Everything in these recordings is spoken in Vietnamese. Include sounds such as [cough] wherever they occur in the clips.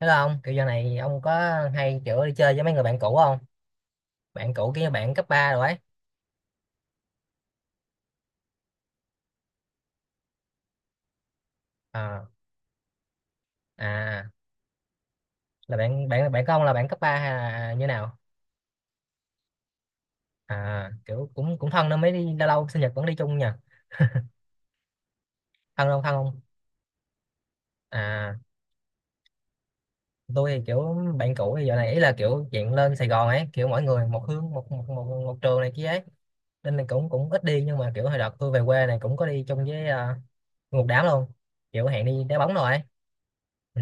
Thế là ông kiểu giờ này ông có hay kiểu đi chơi với mấy người bạn cũ không? Bạn cũ kia bạn cấp 3 rồi ấy. Ờ, à, là bạn bạn bạn của ông là bạn cấp 3 hay là như nào? À kiểu cũng cũng thân nên mới đi lâu lâu sinh nhật vẫn đi chung nha. Thân không, thân không? À, tôi thì kiểu bạn cũ thì giờ này ý là kiểu chuyện lên Sài Gòn ấy, kiểu mỗi người một hướng, một trường này kia ấy. Nên là cũng cũng ít đi, nhưng mà kiểu hồi đợt tôi về quê này cũng có đi chung với một đám luôn. Kiểu hẹn đi đá bóng rồi ấy. Ừ.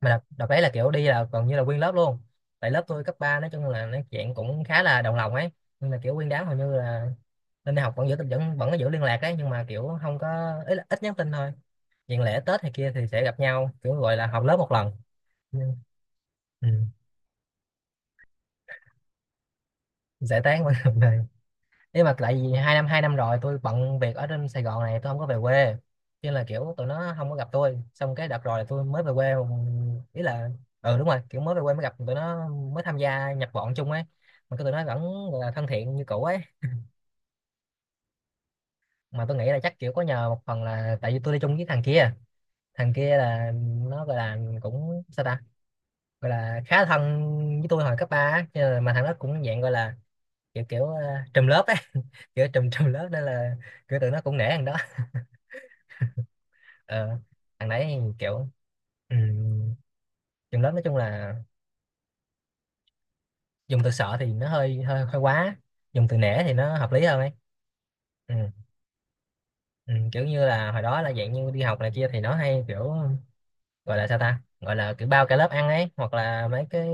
Mà đợt đấy là kiểu đi là gần như là nguyên lớp luôn, tại lớp tôi cấp 3 nói chung là nói chuyện cũng khá là đồng lòng ấy, nhưng mà kiểu nguyên đám hầu như là lên đại học vẫn giữ vẫn vẫn có giữ liên lạc ấy, nhưng mà kiểu không có ít nhắn tin thôi, chuyện lễ Tết hay kia thì sẽ gặp nhau kiểu gọi là họp lớp một lần. Ừ. Giải tán mọi người, nếu mà tại vì 2 năm 2 năm rồi tôi bận việc ở trên Sài Gòn này, tôi không có về quê, cho nên là kiểu tụi nó không có gặp tôi, xong cái đợt rồi là tôi mới về quê, ý là ừ đúng rồi, kiểu mới về quê mới gặp tụi nó, mới tham gia nhập bọn chung ấy, mà cái tụi nó vẫn gọi là thân thiện như cũ ấy, mà tôi nghĩ là chắc kiểu có nhờ một phần là tại vì tôi đi chung với thằng kia. Thằng kia là nó gọi là cũng sao ta, gọi là khá thân với tôi hồi cấp ba á. Mà thằng đó cũng dạng gọi là kiểu kiểu trùm lớp ấy. [laughs] Kiểu trùm trùm lớp nên là kiểu tụi nó cũng nể thằng đó. ờ, thằng đấy kiểu um, trường lớp nói chung là dùng từ sợ thì nó hơi hơi hơi quá, dùng từ nể thì nó hợp lý hơn ấy. Ừ, ừ, kiểu như là hồi đó là dạng như đi học này kia thì nó hay kiểu gọi là sao ta, gọi là kiểu bao cả lớp ăn ấy, hoặc là mấy cái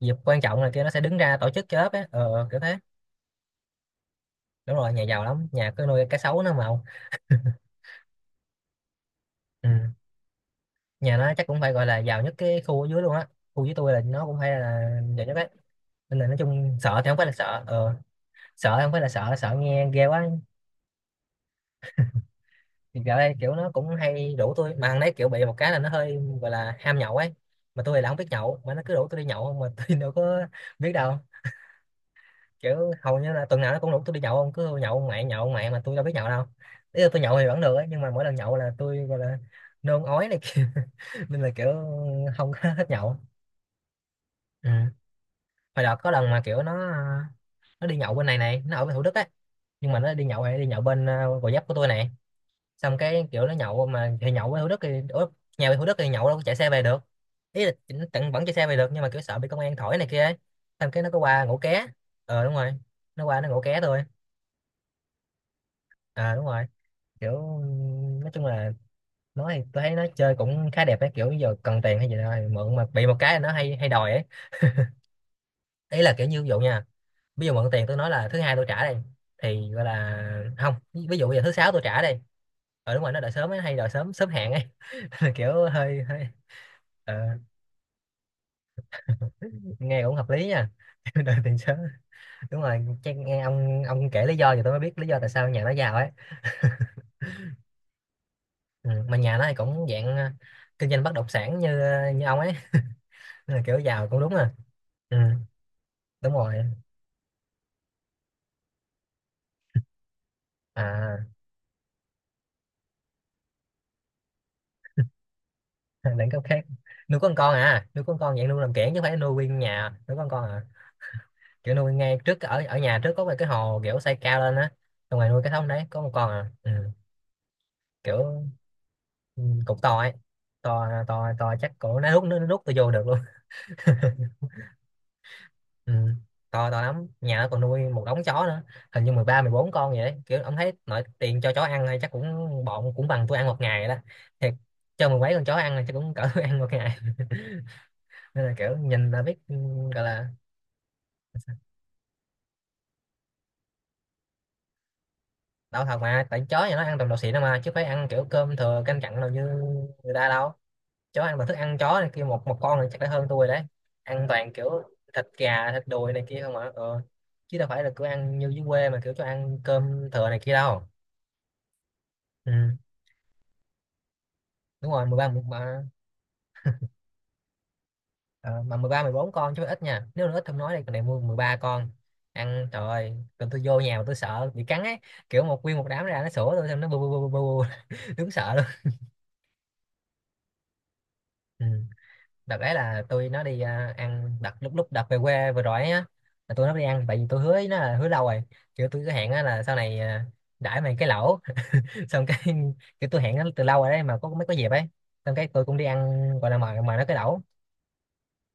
dịp quan trọng này kia nó sẽ đứng ra tổ chức cho lớp ấy, kiểu thế. Đúng rồi nhà giàu lắm, nhà cứ nuôi cá sấu nó mà ông. Ừ. Nhà nó chắc cũng phải gọi là giàu nhất cái khu ở dưới luôn á, khu dưới tôi là nó cũng phải là giàu nhất ấy, nên là nói chung sợ thì không phải là sợ, sợ không phải là sợ, sợ nghe ghê quá. Thì gạo đây kiểu nó cũng hay rủ tôi, mà thằng đấy kiểu bị một cái là nó hơi gọi là ham nhậu ấy, mà tôi thì là không biết nhậu mà nó cứ rủ tôi đi nhậu không mà [laughs] tôi đâu có biết đâu. Kiểu hầu như là tuần nào nó cũng rủ tôi đi nhậu không, cứ nhậu ông mẹ nhậu ông mẹ, mà tôi đâu biết nhậu đâu. Ý là tôi nhậu thì vẫn được ấy, nhưng mà mỗi lần nhậu là tôi gọi là nôn ói này kia, [laughs] nên là kiểu không có hết nhậu. Ừ. Hồi đợt có lần mà kiểu nó đi nhậu bên này này, nó ở bên Thủ Đức ấy, nhưng mà nó đi nhậu hay đi nhậu bên Gò Vấp của tôi này, xong cái kiểu nó nhậu mà thì nhậu ở Thủ Đức thì ở nhà về Thủ Đức thì nhậu đâu có chạy xe về được, ý là nó tận vẫn chạy xe về được nhưng mà kiểu sợ bị công an thổi này kia ấy. Xong cái nó có qua ngủ ké. Ờ đúng rồi, nó qua nó ngủ ké thôi. Ờ đúng rồi, kiểu nói chung là nói thì tôi thấy nó chơi cũng khá đẹp ấy, kiểu giờ cần tiền hay gì đó thì mượn, mà bị một cái là nó hay hay đòi ấy. Ý là kiểu như ví dụ nha, ví dụ mượn tiền tôi nói là thứ Hai tôi trả đây, thì gọi là không, ví dụ bây giờ thứ Sáu tôi trả đây. Ờ đúng rồi, nó đợi sớm ấy, hay đòi sớm, sớm hẹn ấy, [laughs] kiểu hơi hơi ờ nghe cũng hợp lý nha. [laughs] Đời tiền sớ đúng rồi, chắc nghe ông kể lý do thì tôi mới biết lý do tại sao nhà nó giàu ấy. Ừ. Mà nhà nó thì cũng dạng kinh doanh bất động sản như như ông ấy, nên là kiểu giàu cũng đúng à. Ừ. Đúng rồi à. [laughs] Đẳng cấp khác, nuôi con à, nuôi con dạng nuôi làm kiểng chứ không phải nuôi nguyên nhà nuôi con à, kiểu nuôi ngay trước ở ở nhà trước có một cái hồ kiểu xây cao lên á, xong rồi nuôi cái thống đấy có một con à. Ừ. Kiểu ừ, cũng to ấy, to to to chắc cổ nó rút nó rút tôi vô được luôn. [laughs] Ừ. To to lắm, nhà nó còn nuôi một đống chó nữa, hình như 13-14 con vậy đấy. Kiểu ông thấy nội tiền cho chó ăn thôi chắc cũng bọn cũng bằng tôi ăn một ngày đó, thiệt, cho mười mấy con chó ăn là chắc cũng cỡ [laughs] tôi ăn một ngày. [laughs] Nên là kiểu nhìn là biết. Ừ, gọi là đau thật mà tại chó nhà nó ăn toàn đồ xịn đâu, mà chứ phải ăn kiểu cơm thừa canh cặn đâu như người ta đâu. Chó ăn toàn thức ăn chó này kia, một một con này chắc đã hơn tôi đấy, ăn toàn kiểu thịt gà thịt đùi này kia không mà. Ừ. Chứ đâu phải là cứ ăn như dưới quê mà kiểu cho ăn cơm thừa này kia đâu. Ừ. Đúng rồi, mười ba mười mà, ờ, mà 13-14 con chứ ít nha, nếu nó ít không nói đây còn này mua 13 con ăn, trời ơi. Còn tôi vô nhà mà tôi sợ bị cắn ấy, kiểu một nguyên một đám ra nó sủa tôi, xong nó bu bu bu bu bu [laughs] bu. Đúng sợ luôn. Ừ. Đợt đấy là tôi nó đi ăn đợt lúc lúc đợt về quê vừa rồi ấy á, là tôi nó đi ăn tại vì tôi hứa với nó là hứa lâu rồi, kiểu tôi cứ hẹn á là sau này đãi mày cái lẩu. [laughs] Xong cái kiểu tôi hẹn nó từ lâu rồi đấy mà có mới có dịp ấy, xong cái tôi cũng đi ăn gọi là mời mời nó cái lẩu.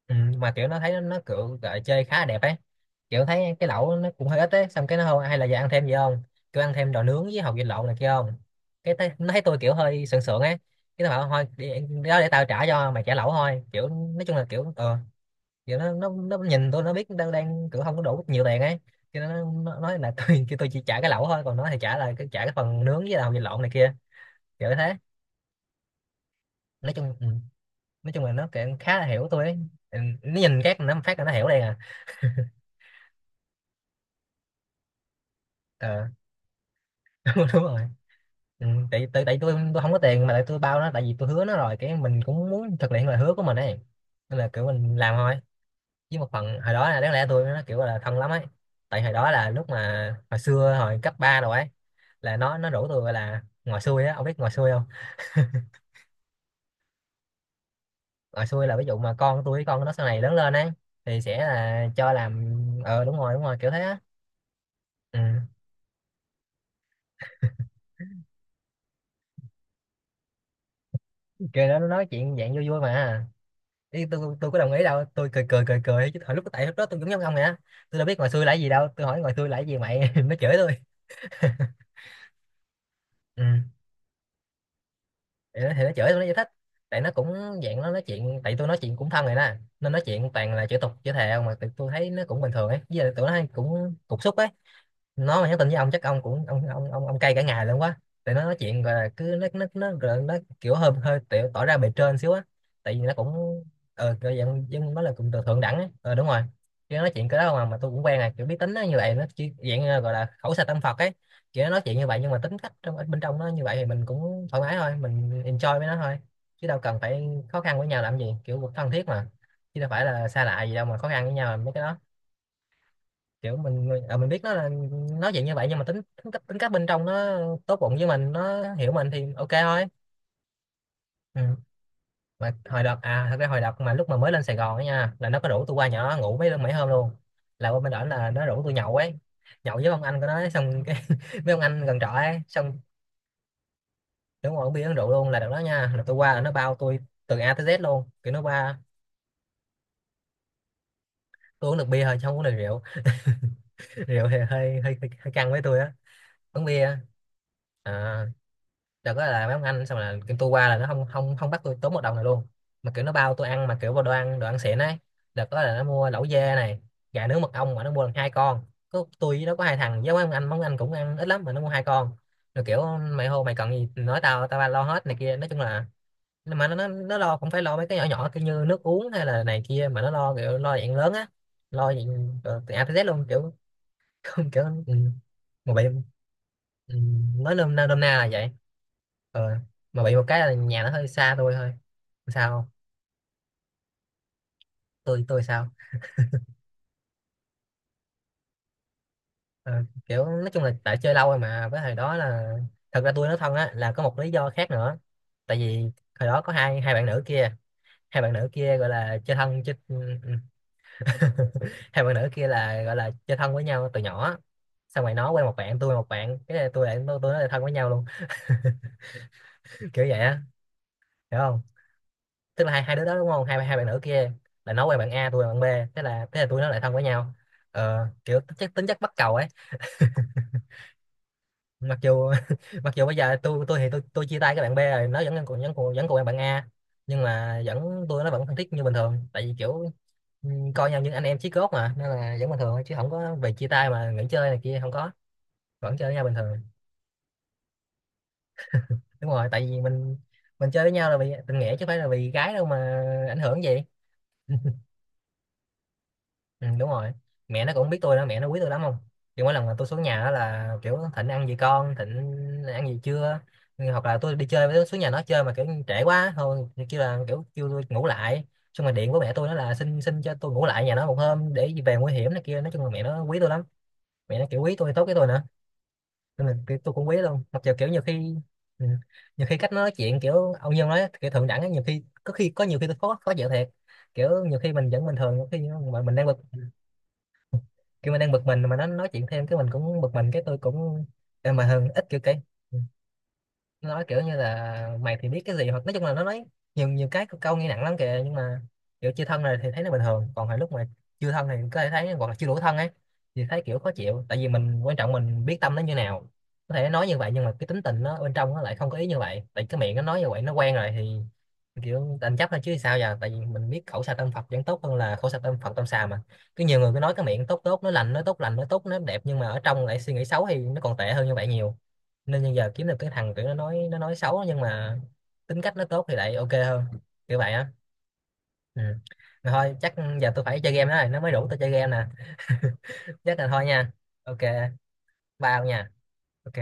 Ừ, mà kiểu nó thấy nó kiểu gọi chơi khá là đẹp ấy, kiểu thấy cái lẩu nó cũng hơi ít ấy, xong cái nó không hay là giờ ăn thêm gì không, cứ ăn thêm đồ nướng với hột vịt lộn này kia không, nó thấy tôi kiểu hơi sượng sượng ấy, cái nó bảo thôi đi, đi đó để tao trả cho mày, trả lẩu thôi, kiểu nói chung là kiểu kiểu nó nhìn tôi, nó biết đang đang kiểu không có đủ nhiều tiền ấy, cho nên nó nói là [laughs] tôi kêu tôi chỉ trả cái lẩu thôi, còn nó thì trả cái phần nướng với là hột vịt lộn này kia, kiểu thế. Nói chung. Ừ. Nói chung là nó kiểu khá là hiểu tôi ấy. Ừ, nó nhìn các nó phát là nó hiểu đây à. Ờ. Đúng rồi, ừ, tại tại tại tôi không có tiền, mà tại tôi bao nó tại vì tôi hứa nó rồi, cái mình cũng muốn thực hiện lời hứa của mình ấy, nên là kiểu mình làm thôi. Với một phần hồi đó là đáng lẽ tôi nó kiểu là thân lắm ấy, tại hồi đó là lúc mà hồi xưa hồi cấp 3 rồi ấy, là nó rủ tôi gọi là ngồi xuôi á, ông biết ngồi xuôi không? Ngồi xuôi là ví dụ mà con tôi với con nó sau này lớn lên ấy thì sẽ là cho làm. Ờ đúng rồi đúng rồi, kiểu thế á. Ừ. Kêu nó nói chuyện dạng vui vui mà. Ý, tôi có đồng ý đâu, tôi cười cười cười cười chứ hồi lúc tại lúc đó tôi cũng giống ông nè, tôi đâu biết ngoài xui là cái gì đâu, tôi hỏi ngoài xui là cái gì mày [laughs] nó chửi tôi. Ừ. Thì nó chửi tôi, nó giải thích. Tại nó cũng dạng nó nói chuyện, tại tôi nói chuyện cũng thân rồi đó, nên nói chuyện toàn là chửi tục chửi thề không, mà tụi tôi thấy nó cũng bình thường ấy. Với lại tụi nó hay cũng cục xúc ấy. Nó mà nhắn tin với ông chắc ông cũng ông cay cả ngày luôn quá. Tại nó nói chuyện, gọi là cứ nó gọi là nó kiểu hơi hơi tiểu, tỏ ra bề trên xíu á. Tại vì nó cũng, kiểu dạng dân nó là cũng từ thượng đẳng ấy. Ờ, đúng rồi. Chứ nói chuyện cái đó mà tôi cũng quen à, kiểu biết tính nó như vậy. Nó chỉ dạng như gọi là khẩu sạch tâm Phật ấy, kiểu nó nói chuyện như vậy nhưng mà tính cách trong bên trong nó như vậy thì mình cũng thoải mái thôi, mình enjoy với nó thôi. Chứ đâu cần phải khó khăn với nhau làm gì, kiểu thân thiết mà, chứ đâu phải là xa lạ gì đâu mà khó khăn với nhau làm mấy cái đó. Kiểu mình người- à, mình biết nó là nói chuyện như vậy nhưng mà tính tính cách bên trong nó tốt bụng với mình, nó hiểu mình thì ok thôi. Ừ. Mà hồi đợt, à thật ra hồi đợt mà lúc mà mới lên Sài Gòn á nha, là nó có rủ tôi qua nhỏ ngủ mấy mấy hôm luôn. Là qua bên đó là nó rủ tôi nhậu ấy, nhậu với ông anh của nó ấy, xong cái [laughs] với ông anh gần trọ ấy. Xong kiểu ngồi uống bia uống rượu luôn. Là đợt đó nha, là tôi qua là nó bao tôi từ A tới Z luôn, kiểu nó qua. Tôi uống được bia thôi chứ không uống được rượu. [laughs] Rượu thì hơi hơi căng với tôi á. Uống bia. À, đợt đó là mấy ông anh, xong là kiểu tôi qua là nó không không không bắt tôi tốn một đồng này luôn, mà kiểu nó bao tôi ăn mà kiểu vào đồ ăn, đồ ăn xịn ấy. Đợt đó là nó mua lẩu dê này, gà nướng mật ong, mà nó mua được hai con. Có tôi với nó, có hai thằng với mấy ông anh, mấy ông anh cũng ăn ít lắm mà nó mua hai con. Rồi kiểu mày hô mày cần gì nói tao, tao lo hết này kia. Nói chung là nhưng mà nó lo không phải lo mấy cái nhỏ nhỏ kiểu như nước uống hay là này kia, mà nó lo kiểu lo dạng lớn á, lo dạng từ A tới Z luôn kiểu. [laughs] Kiểu ừ. Mà bị, ừ, nói nôm na là vậy. Ờ, mà bị một cái là nhà nó hơi xa tôi thôi. Sao không? Tôi sao. Ờ, kiểu nói chung là tại chơi lâu rồi mà, với hồi đó là, thật ra tôi nói thân á là có một lý do khác nữa. Tại vì hồi đó có hai hai bạn nữ kia, hai bạn nữ kia gọi là chơi thân chơi. [laughs] Hai bạn nữ kia là gọi là chơi thân với nhau từ nhỏ, xong rồi nó quen một bạn, tôi quen một bạn, cái này tôi lại tôi nói là thân với nhau luôn. [laughs] Kiểu vậy á. Hiểu không? Tức là hai hai đứa đó đúng không, hai hai bạn nữ kia là nó quen bạn A, tôi quen bạn B, thế là tụi nó lại thân với nhau. Ờ, kiểu tính chất bắt cầu ấy. Mặc dù [laughs] mặc dù bây giờ tôi thì tôi chia tay cái bạn B rồi, nó vẫn còn vẫn còn quen bạn A, nhưng mà vẫn, tôi nó vẫn thân thiết như bình thường. Tại vì kiểu, ừ, coi nhau như anh em chí cốt mà, nên là vẫn bình thường thôi, chứ không có về chia tay mà nghỉ chơi này kia, không có, vẫn chơi với nhau bình thường. Đúng rồi, tại vì mình chơi với nhau là vì tình nghĩa chứ không phải là vì gái đâu mà ảnh hưởng gì. Ừ, đúng rồi. Mẹ nó cũng biết tôi đó, mẹ nó quý tôi lắm không, kiểu mỗi lần mà tôi xuống nhà đó là kiểu Thịnh ăn gì, con Thịnh ăn gì chưa. Ừ, hoặc là tôi đi chơi với- xuống nhà nó chơi mà kiểu trễ quá thôi thì kêu là kiểu kêu tôi ngủ lại, xong rồi điện của mẹ tôi, nó là xin, cho tôi ngủ lại nhà nó một hôm để về nguy hiểm này kia. Nói chung là mẹ nó quý tôi lắm, mẹ nó kiểu quý tôi, tốt với tôi nữa, nên là kiểu tôi cũng quý luôn. Mặc dù kiểu nhiều khi, ừ, nhiều khi cách nó nói chuyện kiểu ông Nhân nói kiểu thượng đẳng ấy, nhiều khi, có khi, có nhiều khi tôi khó khó chịu thiệt. Kiểu nhiều khi mình vẫn bình thường, nhiều khi mà mình đang bực, kiểu mình đang bực mình mà nó nói chuyện thêm cái mình cũng bực mình, cái tôi cũng em mà hơn ít kiểu cái. Nó nói kiểu như là mày thì biết cái gì, hoặc nói chung là nó nói nhiều nhiều cái câu nghe nặng lắm kìa, nhưng mà kiểu chưa thân rồi thì thấy nó bình thường, còn hồi lúc mà chưa thân thì có thể thấy hoặc là chưa đủ thân ấy thì thấy kiểu khó chịu. Tại vì mình quan trọng, mình biết tâm nó như nào, có thể nói như vậy nhưng mà cái tính tình nó bên trong nó lại không có ý như vậy, tại cái miệng nó nói như vậy nó quen rồi thì kiểu đành chấp thôi chứ sao giờ. Tại vì mình biết khẩu xà tâm Phật vẫn tốt hơn là khẩu xà tâm Phật tâm xà mà, cứ nhiều người cứ nói cái miệng tốt tốt nó lành, nó tốt lành, nó tốt nó đẹp, nhưng mà ở trong lại suy nghĩ xấu thì nó còn tệ hơn như vậy nhiều. Nên bây giờ kiếm được cái thằng kiểu nó nói, nó nói xấu nhưng mà tính cách nó tốt thì lại ok hơn, kiểu vậy á. Ừ. Mà thôi, chắc giờ tôi phải chơi game đó rồi, nó mới đủ tôi chơi game nè. Chắc là thôi nha. Ok, bao nha. Ok.